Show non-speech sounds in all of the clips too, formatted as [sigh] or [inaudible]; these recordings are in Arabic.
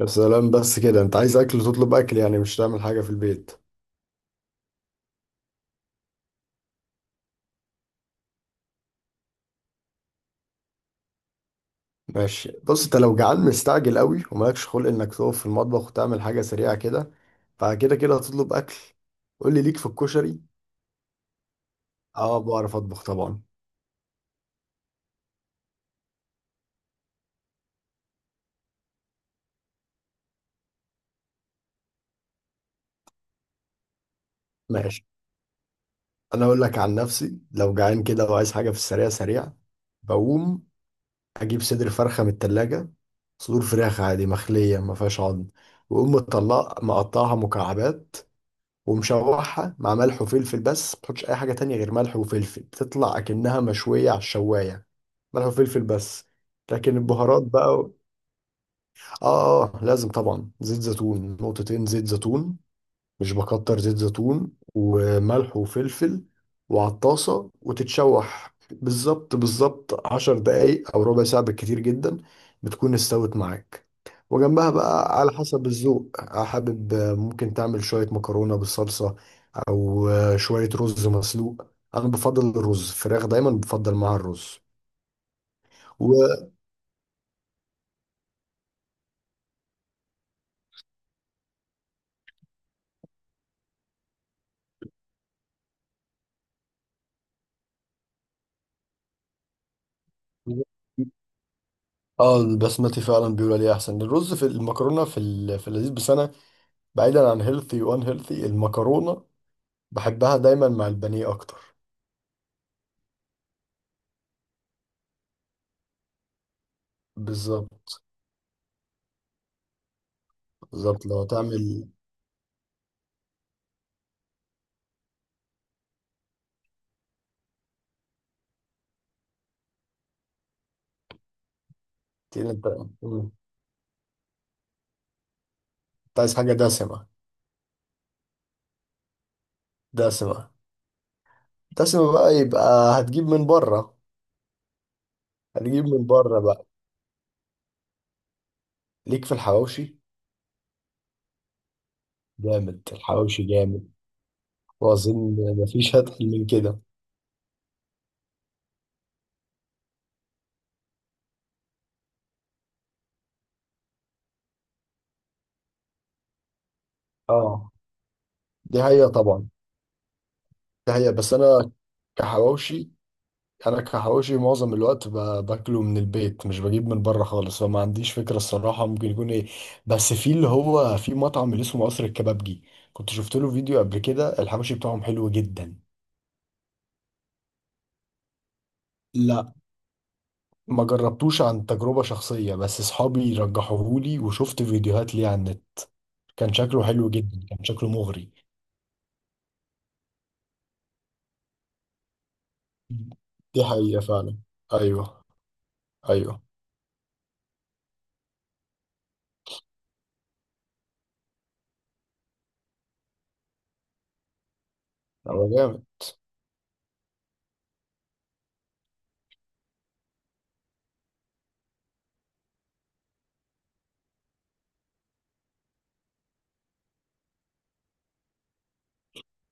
يا سلام بس كده، انت عايز اكل، تطلب اكل يعني مش تعمل حاجه في البيت. ماشي، بص، انت لو جعان مستعجل قوي ومالكش خلق انك تقف في المطبخ وتعمل حاجه سريعه كده، فكده كده هتطلب اكل. قول لي، ليك في الكشري؟ اه، بعرف اطبخ طبعا. ماشي، انا اقول لك عن نفسي، لو جعان كده وعايز حاجه في السريع سريع بقوم اجيب صدر فرخه من التلاجة. صدور فراخ عادي مخليه ما فيهاش عظم، واقوم مطلع مقطعها مكعبات ومشوحها مع ملح وفلفل. بس ما تحطش اي حاجه تانية غير ملح وفلفل، بتطلع اكنها مشويه على الشوايه. ملح وفلفل بس. لكن البهارات بقى لازم طبعا زيت زيتون، نقطتين زيت زيتون. مش بكتر، زيت زيتون وملح وفلفل، وعلى الطاسة وتتشوح بالظبط بالظبط 10 دقايق أو ربع ساعة بالكتير جدا. بتكون استوت معاك. وجنبها بقى على حسب الذوق، حابب ممكن تعمل شوية مكرونة بالصلصة أو شوية رز مسلوق. أنا بفضل الرز، فراخ دايما بفضل معاها الرز و... [laughs] اه، البسمتي فعلا بيقول عليه احسن الرز في المكرونه في اللذيذ. بس انا بعيدا عن هيلثي، وان هيلثي المكرونه بحبها دايما مع البانيه اكتر. بالظبط. بالظبط لو تعمل تقيل انت. مم. انت عايز حاجه دسمه؟ دسمه دسمه بقى، يبقى هتجيب من بره. بقى، ليك في الحواوشي. جامد الحواوشي، جامد. واظن مفيش هتحل من كده. اه، دي حقيقه طبعا. دي حقيقه، بس انا كحواوشي كحواوشي معظم الوقت باكله من البيت، مش بجيب من بره خالص، فما عنديش فكره الصراحه ممكن يكون ايه. بس في اللي هو في مطعم اللي اسمه قصر الكبابجي، كنت شفت له فيديو قبل كده، الحواوشي بتاعهم حلو جدا. لا، ما جربتوش عن تجربه شخصيه، بس اصحابي رجحوهولي وشفت فيديوهات ليه على النت. كان شكله حلو جدا، كان شكله مغري. دي حقيقه فعلا. ايوه، ايوه. هو جامد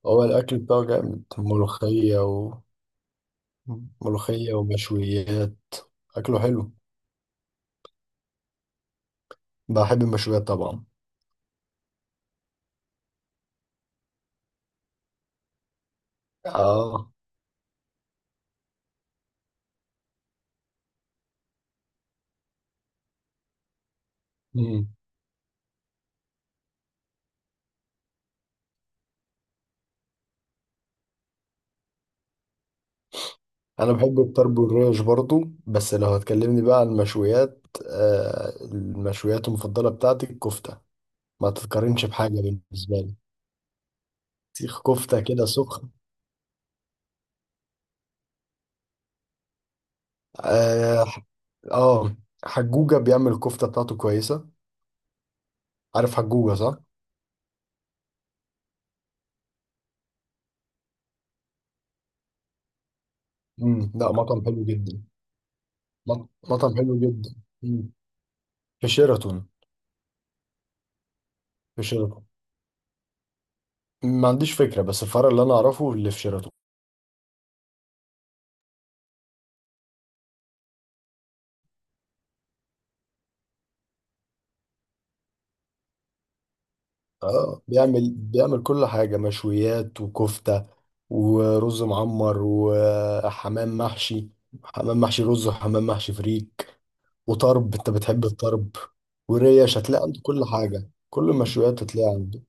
هو الاكل بتاعه جامد. ملوخيه ملوخية ومشويات. أكله حلو. بحب المشويات طبعا. آه. مم. أنا بحب الطرب والريش برضو. بس لو هتكلمني بقى عن المشويات، المشويات المفضلة بتاعتي الكفتة، ما تتقارنش بحاجة بالنسبة لي. سيخ كفتة كده سخن. آه, آه, حجوجة بيعمل الكفتة بتاعته كويسة. عارف حجوجة، صح؟ مم. لا، مطعم حلو جدا. مطعم حلو جدا. مم. في شيراتون. في شيراتون ما عنديش فكرة، بس الفرع اللي أنا أعرفه اللي في شيراتون. اه، بيعمل كل حاجة، مشويات وكفتة ورز معمر وحمام محشي، حمام محشي رز وحمام محشي فريك، وطرب، انت بتحب الطرب، وريش. هتلاقي عنده كل حاجة، كل المشويات هتلاقي عنده.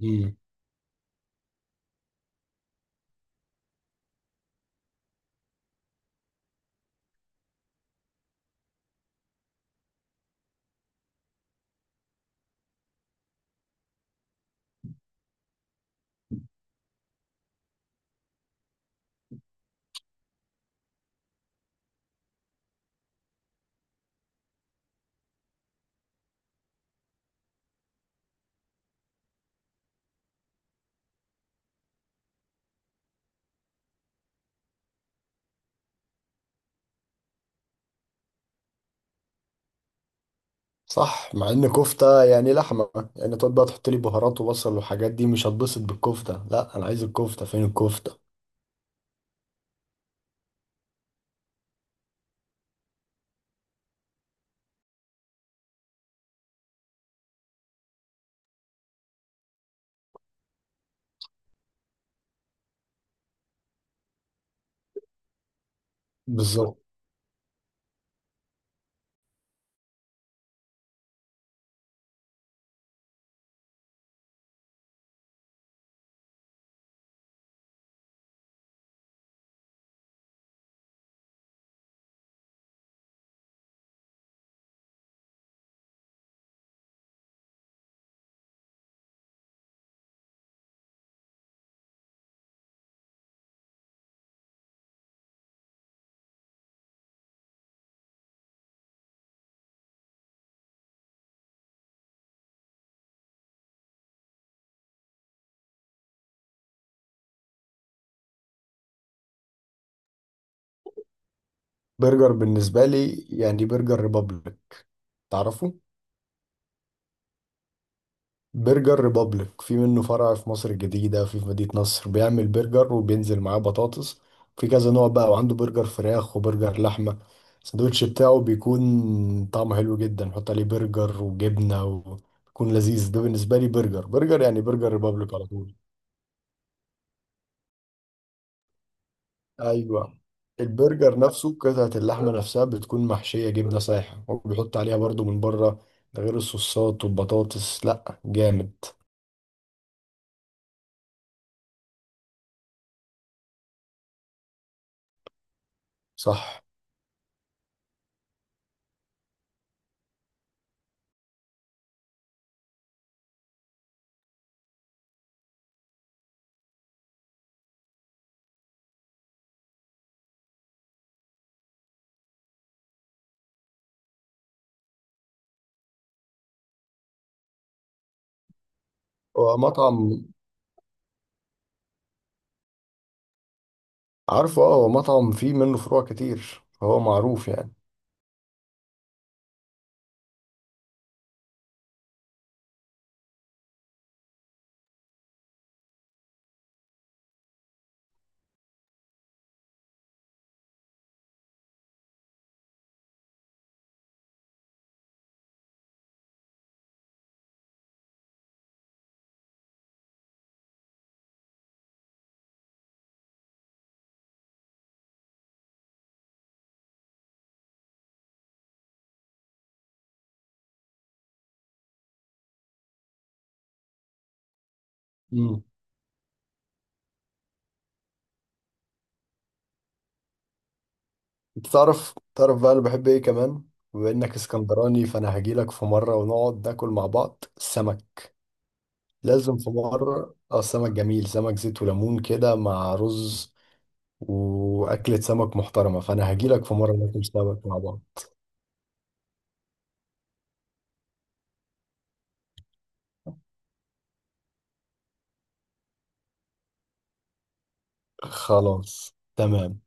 مم. صح، مع ان كفتة يعني لحمة، يعني تقعد بقى تحط لي بهارات وبصل والحاجات دي؟ مش هتبسط بالكفتة، لا انا عايز الكفتة، فين الكفتة؟ بالظبط. برجر بالنسبة لي يعني برجر ريبابليك، تعرفه؟ برجر ريبابليك، في منه فرع في مصر الجديدة، في مدينة نصر. بيعمل برجر وبينزل معاه بطاطس في كذا نوع بقى، وعنده برجر فراخ وبرجر لحمة. الساندوتش بتاعه بيكون طعمه حلو جدا، نحط عليه برجر وجبنة وبيكون لذيذ. ده بالنسبة لي، برجر يعني برجر ريبابليك على طول. أيوة. البرجر نفسه، قطعة اللحمة نفسها بتكون محشية جبنة سايحة وبيحط عليها برضو من بره. ده غير الصوصات والبطاطس، لأ جامد. صح. ومطعم، عارفه؟ اه، هو مطعم فيه منه فروع كتير، فهو معروف يعني. امم. انت تعرف، بقى انا بحب ايه كمان؟ بما انك اسكندراني، فانا هجيلك في مره ونقعد ناكل مع بعض السمك. لازم في مره، السمك جميل، سمك زيت وليمون كده مع رز. واكلة سمك محترمه، فانا هجيلك في مره ناكل سمك مع بعض. خلاص، تمام.